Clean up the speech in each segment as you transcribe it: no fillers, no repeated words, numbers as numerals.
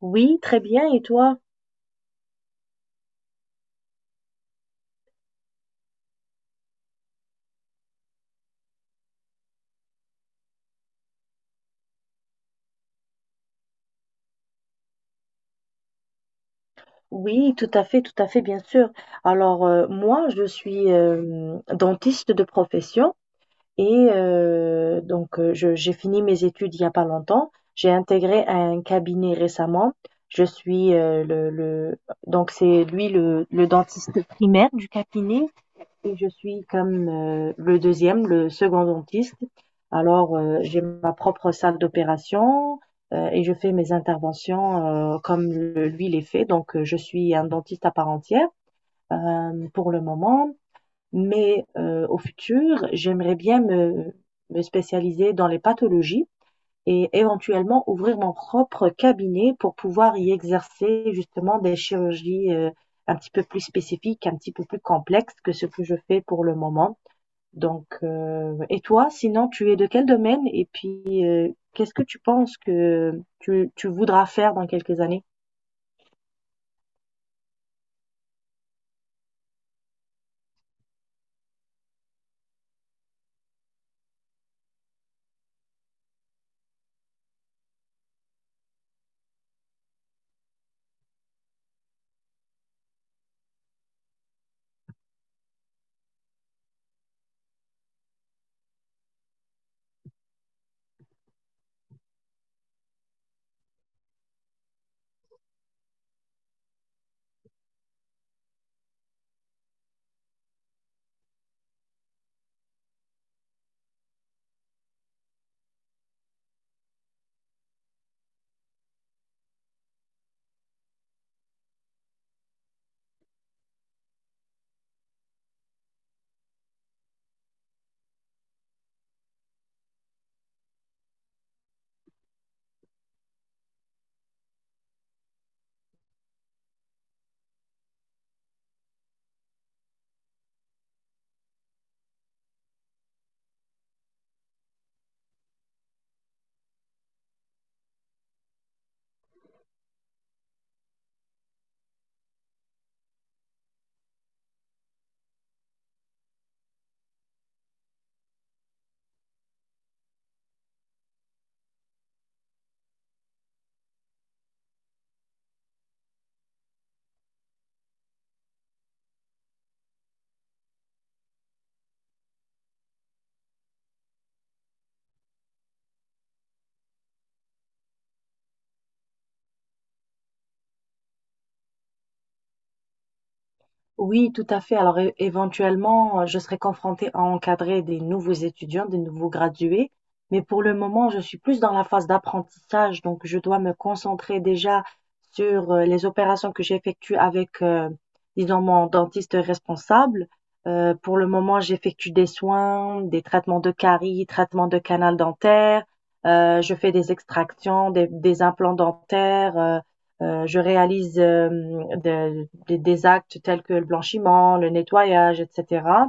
Oui, très bien. Et toi? Oui, tout à fait, bien sûr. Alors, moi, je suis dentiste de profession et donc j'ai fini mes études il n'y a pas longtemps. J'ai intégré un cabinet récemment. Je suis donc c'est lui le dentiste primaire du cabinet. Et je suis comme le second dentiste. Alors, j'ai ma propre salle d'opération et je fais mes interventions comme lui les fait. Donc, je suis un dentiste à part entière pour le moment. Mais au futur, j'aimerais bien me spécialiser dans les pathologies et éventuellement ouvrir mon propre cabinet pour pouvoir y exercer justement des chirurgies un petit peu plus spécifiques, un petit peu plus complexes que ce que je fais pour le moment. Donc, et toi, sinon, tu es de quel domaine et puis qu'est-ce que tu penses que tu voudras faire dans quelques années? Oui, tout à fait. Alors, éventuellement, je serai confrontée à encadrer des nouveaux étudiants, des nouveaux gradués, mais pour le moment, je suis plus dans la phase d'apprentissage, donc je dois me concentrer déjà sur les opérations que j'effectue avec, disons, mon dentiste responsable. Pour le moment, j'effectue des soins, des traitements de caries, traitements de canal dentaire, je fais des extractions, des implants dentaires. Je réalise des actes tels que le blanchiment, le nettoyage, etc.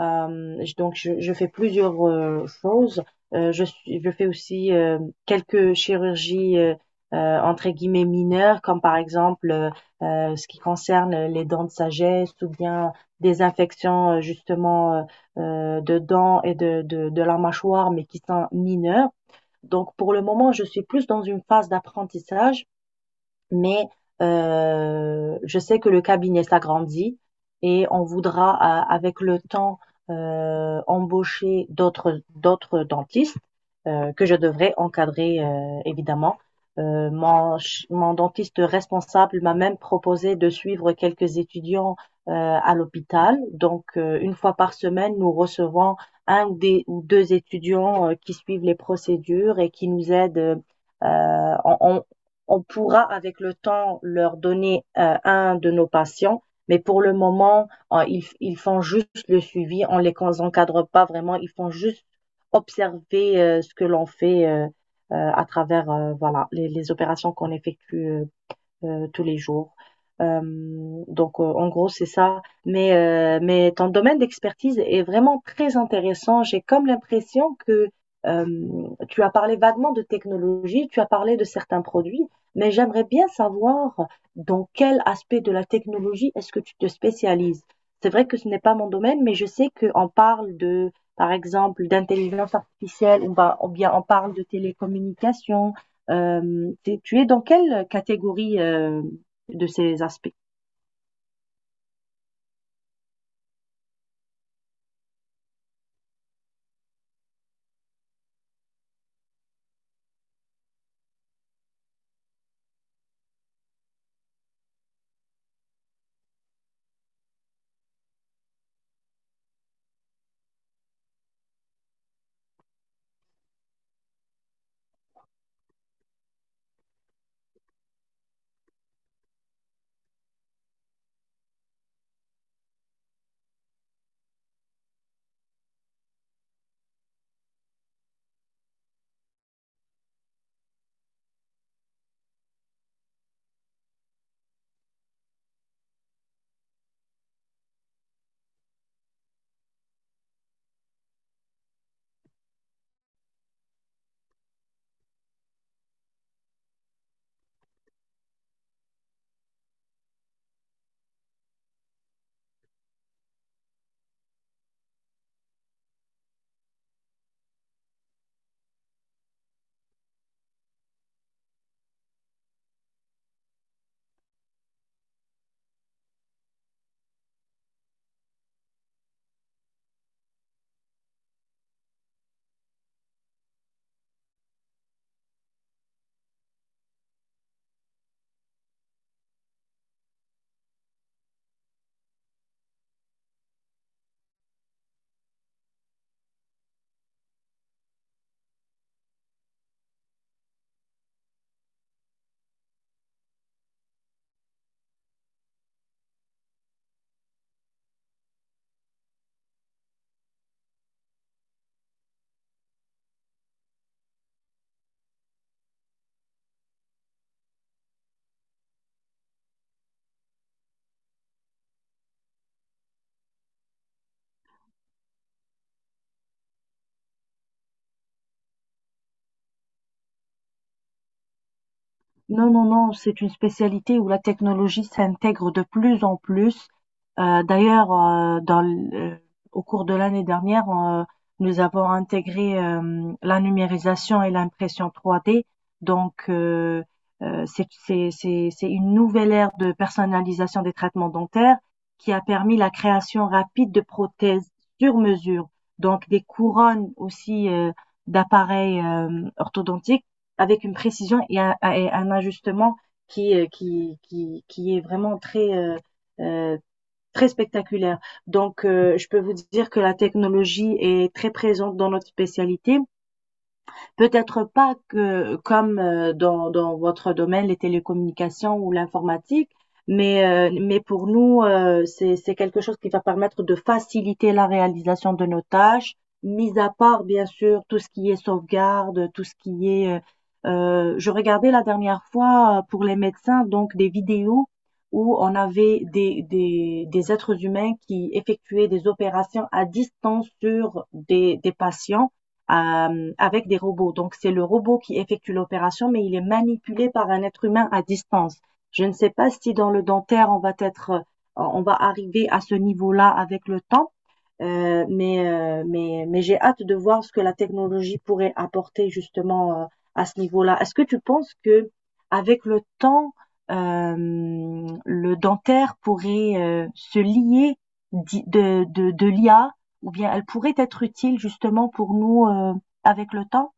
Donc, je fais plusieurs choses. Je fais aussi quelques chirurgies entre guillemets mineures, comme par exemple ce qui concerne les dents de sagesse ou bien des infections justement de dents et de la mâchoire, mais qui sont mineures. Donc, pour le moment, je suis plus dans une phase d'apprentissage, mais je sais que le cabinet s'agrandit et on voudra, avec le temps, embaucher d'autres dentistes que je devrais encadrer, évidemment. Mon dentiste responsable m'a même proposé de suivre quelques étudiants euh, à l'hôpital. Donc, une fois par semaine, nous recevons un ou, des, ou deux étudiants qui suivent les procédures et qui nous aident. Euh, on, on pourra avec le temps leur donner un de nos patients, mais pour le moment, ils font juste le suivi, on ne les encadre pas vraiment, ils font juste observer ce que l'on fait à travers voilà, les opérations qu'on effectue tous les jours. Euh, donc, en gros, c'est ça. Mais ton domaine d'expertise est vraiment très intéressant. J'ai comme l'impression que euh, tu as parlé vaguement de technologie, tu as parlé de certains produits, mais j'aimerais bien savoir dans quel aspect de la technologie est-ce que tu te spécialises. C'est vrai que ce n'est pas mon domaine, mais je sais qu'on parle de, par exemple, d'intelligence artificielle, ou bien on parle de télécommunications. Hem, tu es dans quelle catégorie, de ces aspects? Non, non, non, c'est une spécialité où la technologie s'intègre de plus en plus. D'ailleurs, au cours de l'année dernière, nous avons intégré la numérisation et l'impression 3D. Donc, c'est une nouvelle ère de personnalisation des traitements dentaires qui a permis la création rapide de prothèses sur mesure, donc des couronnes aussi d'appareils orthodontiques avec une précision et et un ajustement qui est vraiment euh, très spectaculaire. Donc, je peux vous dire que la technologie est très présente dans notre spécialité. Peut-être pas que comme, dans dans votre domaine, les télécommunications ou l'informatique, mais pour nous, c'est quelque chose qui va permettre de faciliter la réalisation de nos tâches, mis à part, bien sûr, tout ce qui est sauvegarde, tout ce qui est, je regardais la dernière fois, pour les médecins, donc des vidéos où on avait des êtres humains qui effectuaient des opérations à distance sur des patients avec des robots. Donc c'est le robot qui effectue l'opération, mais il est manipulé par un être humain à distance. Je ne sais pas si dans le dentaire on va être, on va arriver à ce niveau-là avec le temps, mais j'ai hâte de voir ce que la technologie pourrait apporter justement à ce niveau-là. Est-ce que tu penses que avec le temps, euh, le dentaire pourrait se lier de l'IA ou bien elle pourrait être utile justement pour nous avec le temps?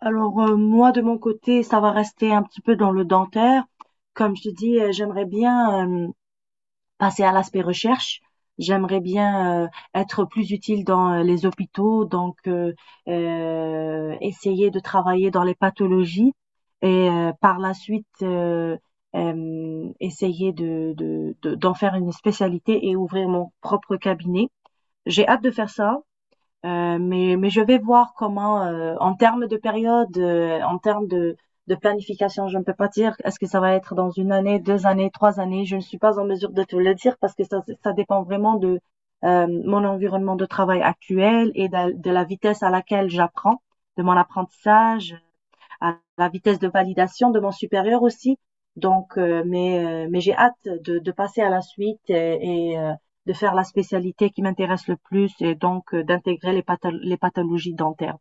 Alors moi de mon côté, ça va rester un petit peu dans le dentaire. Comme je te dis, j'aimerais bien passer à l'aspect recherche. J'aimerais bien être plus utile dans les hôpitaux, donc essayer de travailler dans les pathologies et par la suite essayer d'en faire une spécialité et ouvrir mon propre cabinet. J'ai hâte de faire ça. Mais je vais voir comment, en termes de période, en termes de planification, je ne peux pas dire est-ce que ça va être dans 1 année, 2 années, 3 années. Je ne suis pas en mesure de te le dire parce que ça dépend vraiment de mon environnement de travail actuel et de la vitesse à laquelle j'apprends, de mon apprentissage, à la vitesse de validation de mon supérieur aussi. Donc, mais j'ai hâte passer à la suite de faire la spécialité qui m'intéresse le plus et donc d'intégrer les pathologies dentaires.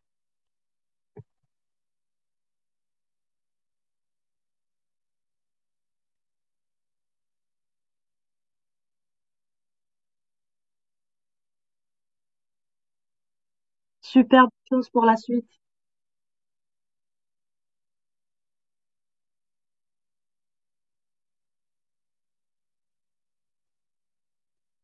Superbe chose pour la suite.